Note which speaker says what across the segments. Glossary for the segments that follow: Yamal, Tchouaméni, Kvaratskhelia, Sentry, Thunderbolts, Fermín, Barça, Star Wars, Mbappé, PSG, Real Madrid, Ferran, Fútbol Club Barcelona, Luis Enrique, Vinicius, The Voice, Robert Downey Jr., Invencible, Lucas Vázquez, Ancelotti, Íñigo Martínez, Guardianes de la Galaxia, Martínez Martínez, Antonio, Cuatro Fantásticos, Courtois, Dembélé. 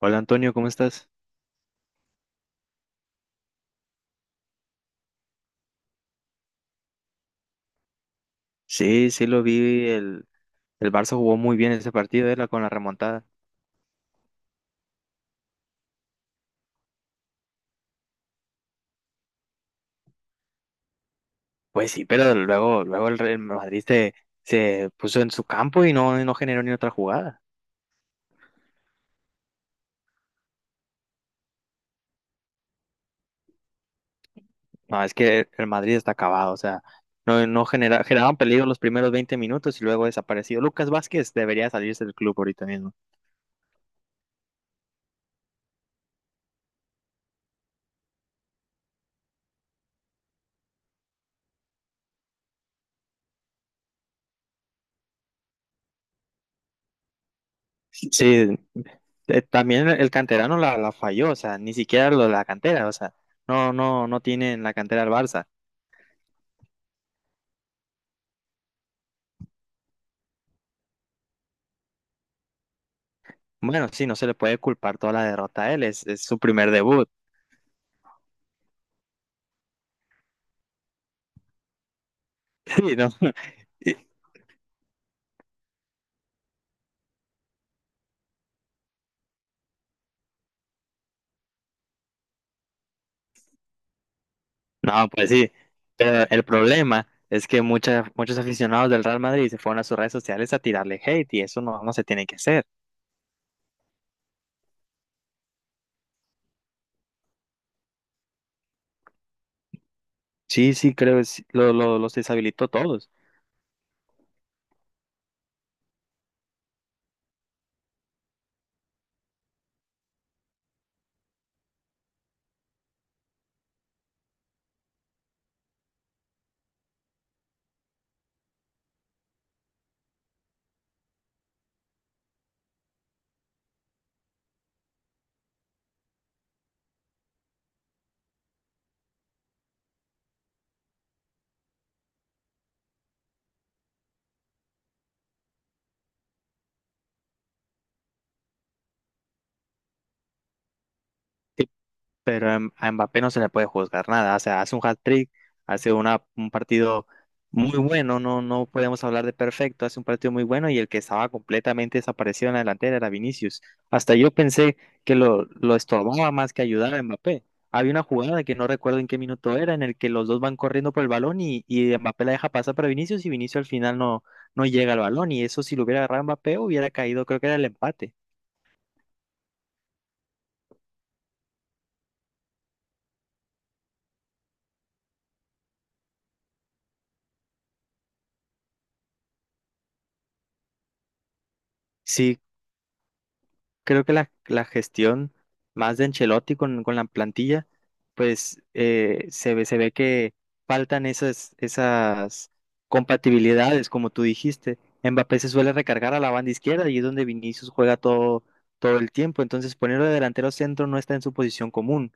Speaker 1: Hola Antonio, ¿cómo estás? Sí, sí lo vi, el Barça jugó muy bien ese partido, era con la remontada. Pues sí, pero luego el Real Madrid se puso en su campo y no generó ni otra jugada. No, es que el Madrid está acabado, o sea, no genera, generaban peligro los primeros 20 minutos y luego desapareció. Lucas Vázquez debería salirse del club ahorita mismo. Sí, también el canterano la falló, o sea, ni siquiera lo de la cantera, o sea, no tiene en la cantera el Barça. Bueno, sí, no se le puede culpar toda la derrota a él, es su primer debut. Sí, ¿no? Y- No, pues sí. Pero el problema es que muchos aficionados del Real Madrid se fueron a sus redes sociales a tirarle hate y eso no, no se tiene que hacer. Sí, sí, creo que sí, los deshabilitó a todos. Pero a a Mbappé no se le puede juzgar nada. O sea, hace un hat-trick, hace un partido muy bueno, no, no podemos hablar de perfecto, hace un partido muy bueno y el que estaba completamente desaparecido en la delantera era Vinicius. Hasta yo pensé que lo estorbaba más que ayudar a Mbappé. Había una jugada que no recuerdo en qué minuto era, en el que los dos van corriendo por el balón y Mbappé la deja pasar para Vinicius y Vinicius al final no llega al balón. Y eso si lo hubiera agarrado Mbappé hubiera caído, creo que era el empate. Sí, creo que la gestión más de Ancelotti con la plantilla, pues se ve que faltan esas compatibilidades, como tú dijiste. Mbappé se suele recargar a la banda izquierda y es donde Vinicius juega todo el tiempo. Entonces, ponerlo de delantero centro no está en su posición común.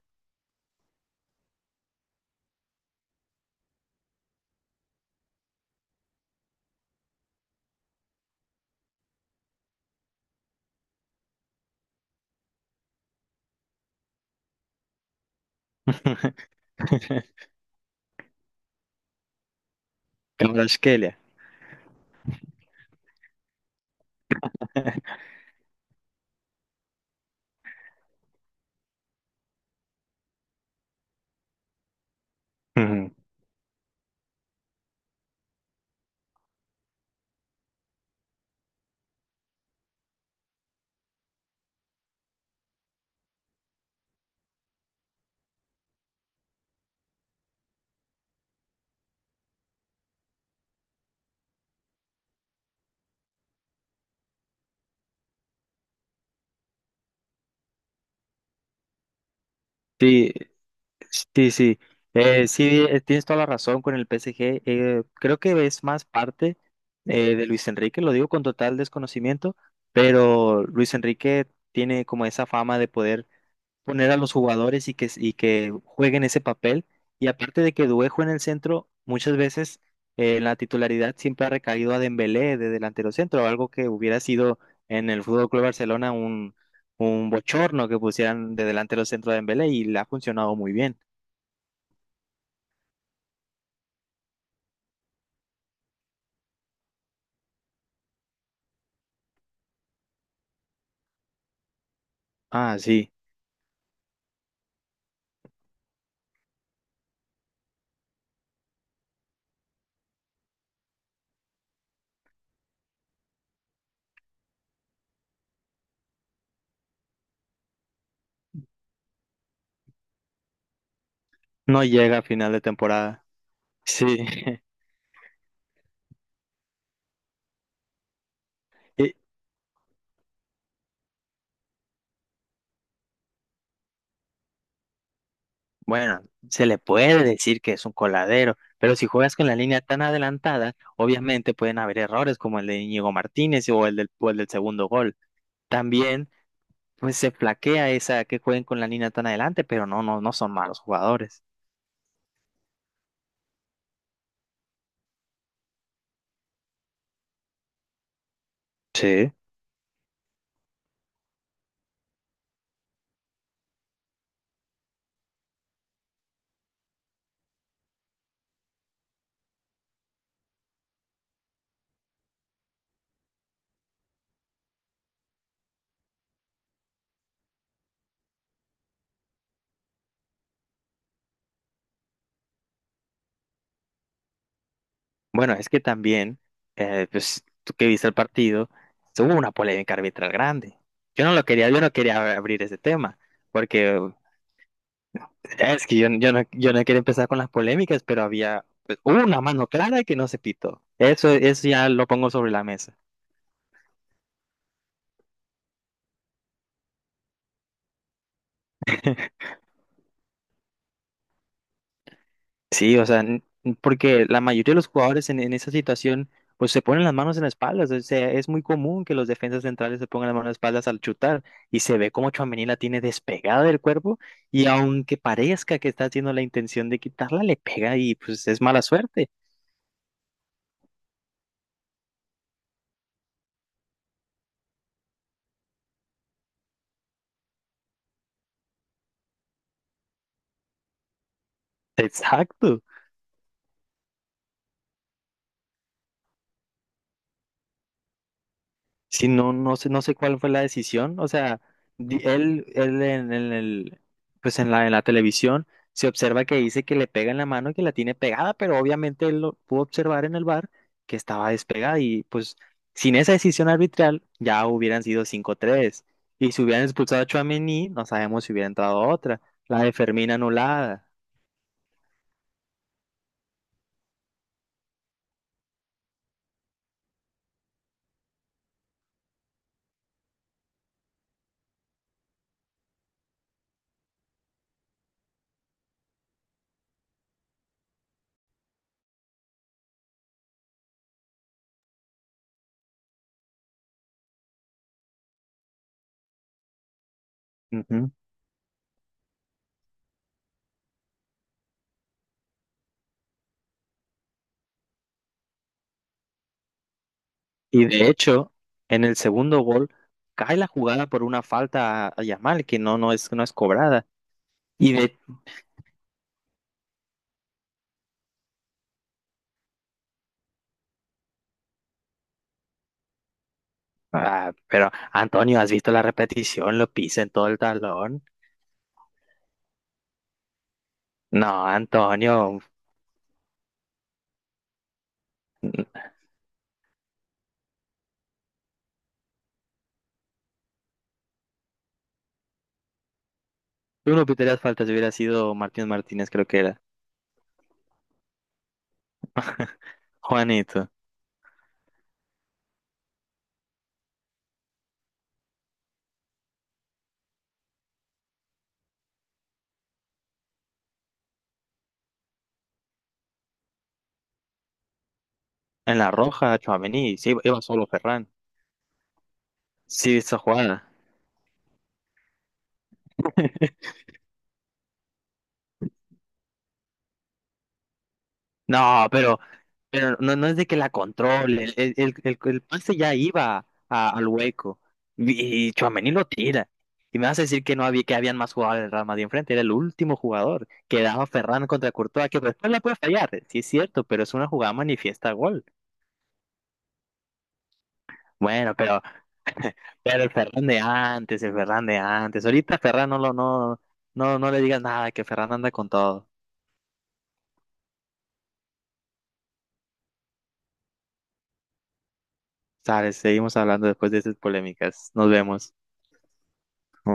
Speaker 1: Kvaratskhelia. Ujú. Sí, sí, sí, sí, tienes toda la razón con el PSG. Creo que es más parte de Luis Enrique, lo digo con total desconocimiento, pero Luis Enrique tiene como esa fama de poder poner a los jugadores y y que jueguen ese papel. Y aparte de que Duejo en el centro, muchas veces la titularidad siempre ha recaído a Dembélé de delantero centro, algo que hubiera sido en el Fútbol Club Barcelona un bochorno que pusieran de delantero centro a Dembélé y le ha funcionado muy bien. Ah, sí, no llega a final de temporada. Sí, Y, bueno, se le puede decir que es un coladero, pero si juegas con la línea tan adelantada, obviamente pueden haber errores como el de Íñigo Martínez o el o el del segundo gol. También, pues se flaquea esa que jueguen con la línea tan adelante, pero no son malos jugadores. Sí. Bueno, es que también, pues tú que viste el partido, hubo una polémica arbitral grande. Yo no lo quería, yo no quería abrir ese tema, porque es que yo yo no quería empezar con las polémicas, pero había, pues, hubo una mano clara que no se pitó. Eso ya lo pongo sobre la mesa. Sí, o sea, porque la mayoría de los jugadores en esa situación, pues se ponen las manos en la espalda. O sea, es muy común que los defensas centrales se pongan las manos en la espaldas al chutar y se ve como Tchouaméni la tiene despegada del cuerpo y aunque parezca que está haciendo la intención de quitarla, le pega y pues es mala suerte. Exacto. Sí, no, no sé, no sé cuál fue la decisión. O sea, él pues en en la televisión se observa que dice que le pega en la mano y que la tiene pegada, pero obviamente él lo pudo observar en el bar que estaba despegada y pues sin esa decisión arbitral ya hubieran sido 5-3. Y si hubieran expulsado a Tchouaméni, no sabemos si hubiera entrado otra. La de Fermín anulada. Ujú. Y de hecho, en el segundo gol cae la jugada por una falta a Yamal que no es cobrada. Y de Ah, pero Antonio, ¿has visto la repetición? Lo pisa en todo el talón. No, Antonio, tú no pitarías faltas, hubiera sido Martínez Martínez, creo que era. Juanito, en la roja, Tchouaméni, sí, iba solo Ferran. Sí, esa jugada. No, pero no, no es de que la controle. El pase ya iba al hueco. Y Tchouaméni lo tira. Y me vas a decir que no había, que habían más jugadores del Real Madrid enfrente. Era el último jugador. Quedaba Ferran contra Courtois, que después la puede fallar. Sí, es cierto, pero es una jugada manifiesta gol. Bueno, pero, pero el Ferran de antes, el Ferran de antes. Ahorita Ferran no lo, no, no, no le digas nada, que Ferran anda con todo. Sabes, seguimos hablando después de esas polémicas. Nos vemos.